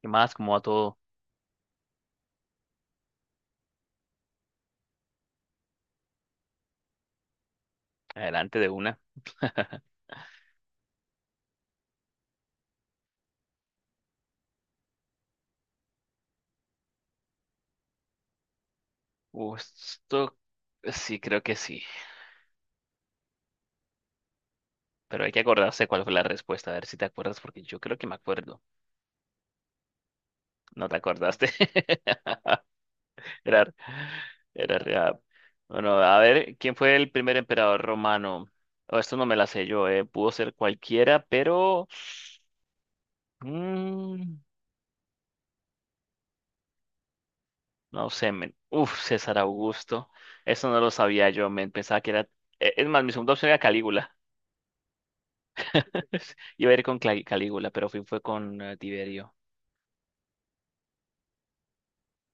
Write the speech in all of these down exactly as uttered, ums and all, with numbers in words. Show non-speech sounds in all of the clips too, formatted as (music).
¿Qué más? ¿Cómo va todo? Adelante de una. (laughs) Uh, Esto sí, creo que sí. Pero hay que acordarse cuál fue la respuesta. A ver si te acuerdas, porque yo creo que me acuerdo. ¿No te acordaste? (laughs) Era, era real. Bueno, a ver, ¿quién fue el primer emperador romano? Oh, esto no me la sé yo, eh. Pudo ser cualquiera, pero mm, no sé, men. Uf, César Augusto. Eso no lo sabía yo, men. Pensaba que era. e- Es más, mi segunda opción era Calígula. (laughs) Iba a ir con Cla- Calígula, pero fui, fue con eh, Tiberio.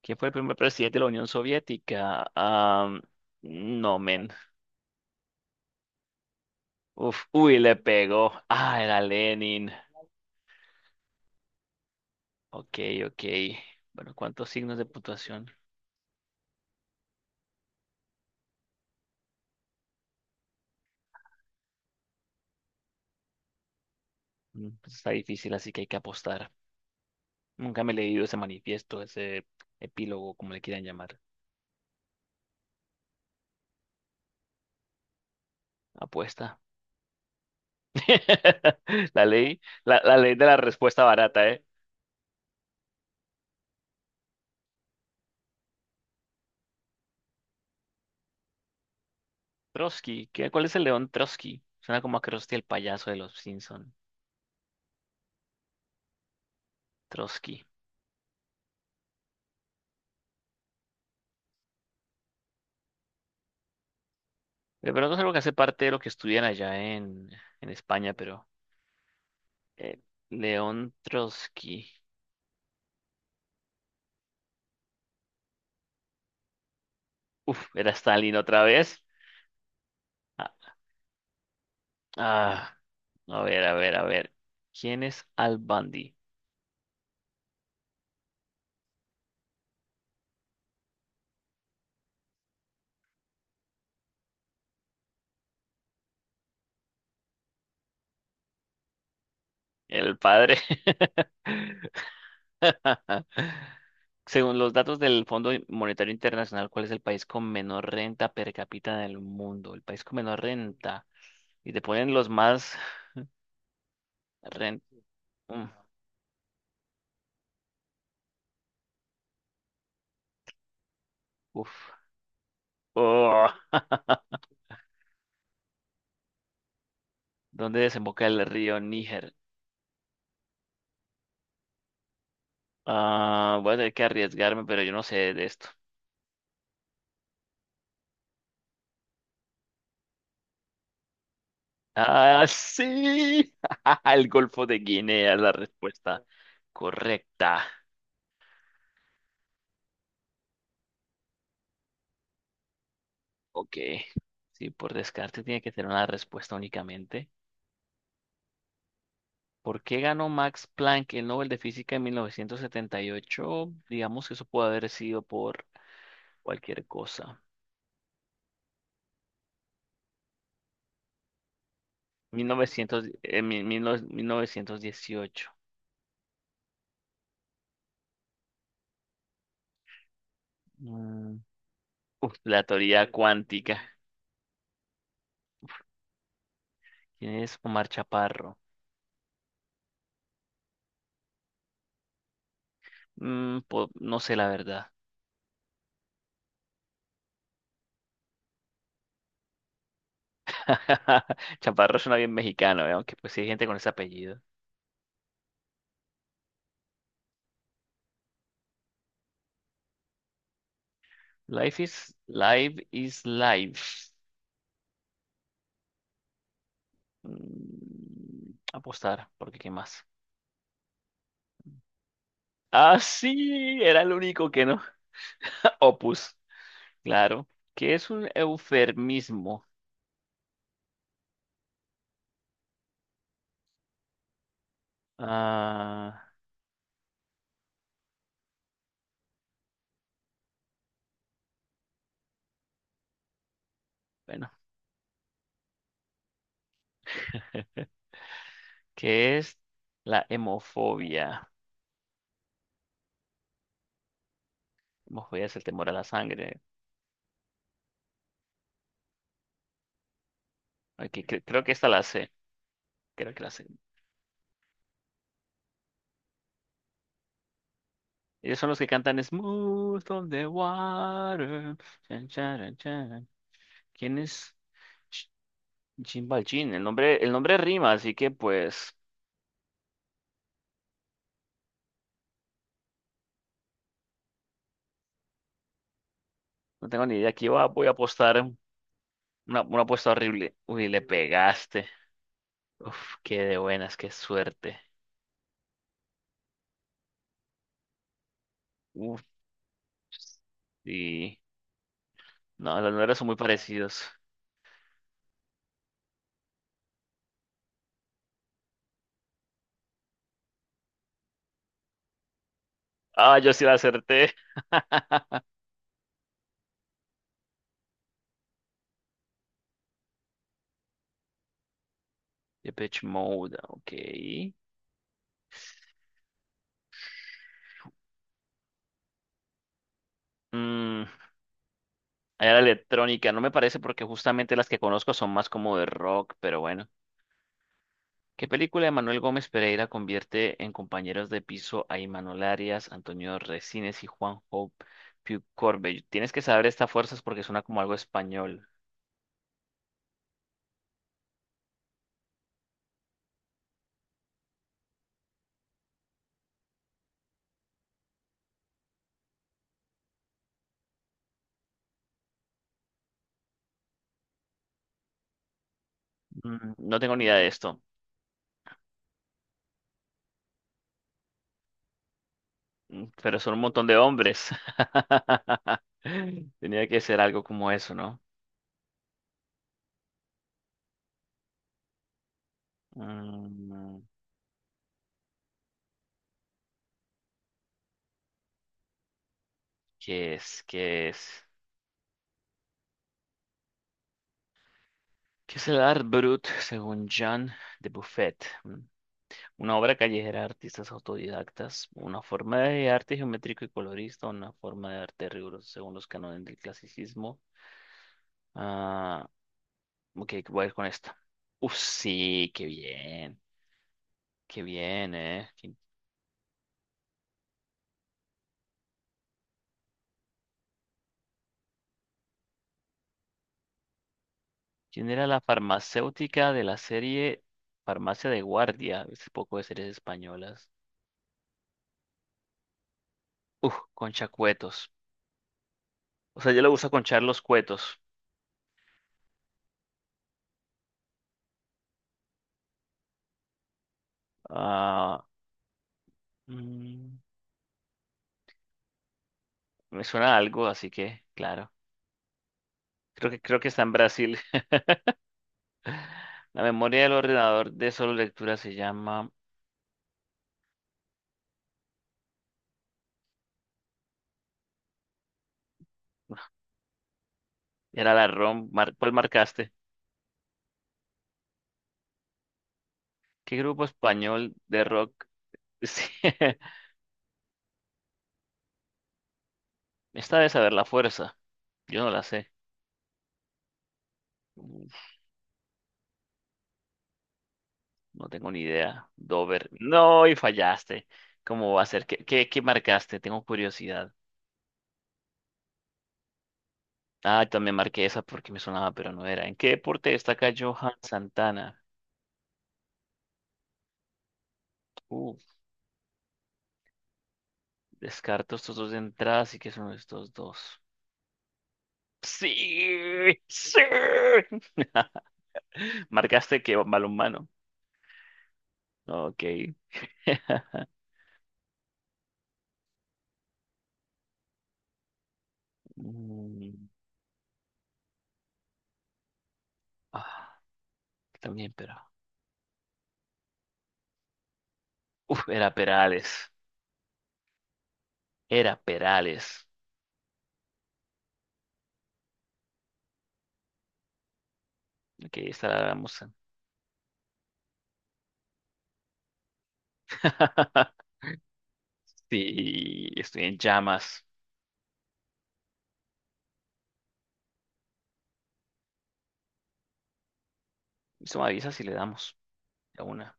¿Quién fue el primer presidente de la Unión Soviética? Am, no, men. Uf, uy, le pegó. Ah, era Lenin. Ok, ok. Bueno, ¿cuántos signos de puntuación? Mm, pues está difícil, así que hay que apostar. Nunca me he leído ese manifiesto, ese epílogo, como le quieran llamar. Apuesta. (laughs) La ley, la, la ley de la respuesta barata, ¿eh? Trotsky. ¿Qué, cuál es el león Trotsky? Suena como a Krusty el payaso de los Simpson. Trotsky. De pronto es algo que hace parte de lo que estudian allá en, en España, pero eh, León Trotsky. Uf, era Stalin otra vez. Ah, ah, a ver, a ver, a ver. ¿Quién es Al Bundy? El padre. (laughs) Según los datos del Fondo Monetario Internacional, ¿cuál es el país con menor renta per cápita del mundo? El país con menor renta. Y te ponen los más rent... Mm, Uf. Oh. ¿Dónde desemboca el río Níger? Ah, voy a tener que arriesgarme, pero yo no sé de esto. Ah, sí. (laughs) El Golfo de Guinea es la respuesta correcta. Ok. Sí, por descarte tiene que tener una respuesta únicamente. ¿Por qué ganó Max Planck el Nobel de Física en mil novecientos setenta y ocho? Digamos que eso puede haber sido por cualquier cosa. mil novecientos, eh, mi- mil no- mil novecientos dieciocho. Mm, uf, la teoría cuántica. ¿Quién es Omar Chaparro? Mm, po- no sé la verdad. (laughs) Chaparro suena bien mexicano, ¿eh? Aunque pues sí hay gente con ese apellido. Life is life is life. Mm, apostar, porque ¿qué más? Ah, sí, era el único que no. (laughs) Opus, claro. ¿Qué es un eufemismo? Ah, bueno, ¿qué es la hemofobia? Hemofobia es el temor a la sangre. Ok, cre- creo que esta la sé. Creo que la sé. Ellos son los que cantan Smooth on the Water. Chan, charan, charan. ¿Quién es? Ch- Chimbalchín. El nombre, el nombre rima, así que pues no tengo ni idea. Aquí va- voy a apostar una, una apuesta horrible. Uy, le pegaste. Uf, qué de buenas, qué suerte. Uf, sí. No, los números son muy parecidos. Ah, yo sí la acerté. Depeche Mode, ok. Mm, era electrónica, no me parece porque justamente las que conozco son más como de rock, pero bueno. ¿Qué película de Manuel Gómez Pereira convierte en compañeros de piso a Imanol Arias, Antonio Resines y Juanjo Piu Corbe? Tienes que saber estas fuerzas porque suena como algo español. Mm, no tengo ni idea de esto, mm, pero son un montón de hombres. (laughs) Tenía que ser algo como eso, ¿no? Mm, ¿qué es? ¿Qué es ¿Qué es el Art Brut según Jean de Buffet? Mm, una obra callejera de artistas autodidactas, una forma de arte geométrico y colorista, una forma de arte riguroso según los cánones del clasicismo. Ah, ok, voy a ir con esta. Uf, sí, qué bien, qué bien, ¿eh? ¿Qui- ¿Quién era la farmacéutica de la serie Farmacia de Guardia? Ese poco de series españolas. Uf, Concha Cuetos. O sea, yo le gusta conchar los cuetos. Ah, mm, me suena a algo, así que, claro. Creo que, creo que está en Brasil. La memoria del ordenador de solo lectura se llama. Era la ROM. mar- ¿Cuál marcaste? ¿Qué grupo español de rock? (laughs) Sí. Esta de saber la fuerza. Yo no la sé. Uf, no tengo ni idea. Dover. No, y fallaste. ¿Cómo va a ser? ¿Qué, qué, ¿qué marcaste? Tengo curiosidad. Ah, también marqué esa porque me sonaba, pero no era. ¿En qué deporte destaca Johan Santana? Uf, descarto estos dos de entrada, así que son estos dos. Sí, sí. (laughs) (laughs) Marcaste que balonmano. Ok. (laughs) Mm, ah, también, pero. Uf, era Perales. Era Perales. Ok, esta la damos. (laughs) Sí, estoy en llamas. Eso me avisa si le damos. A una.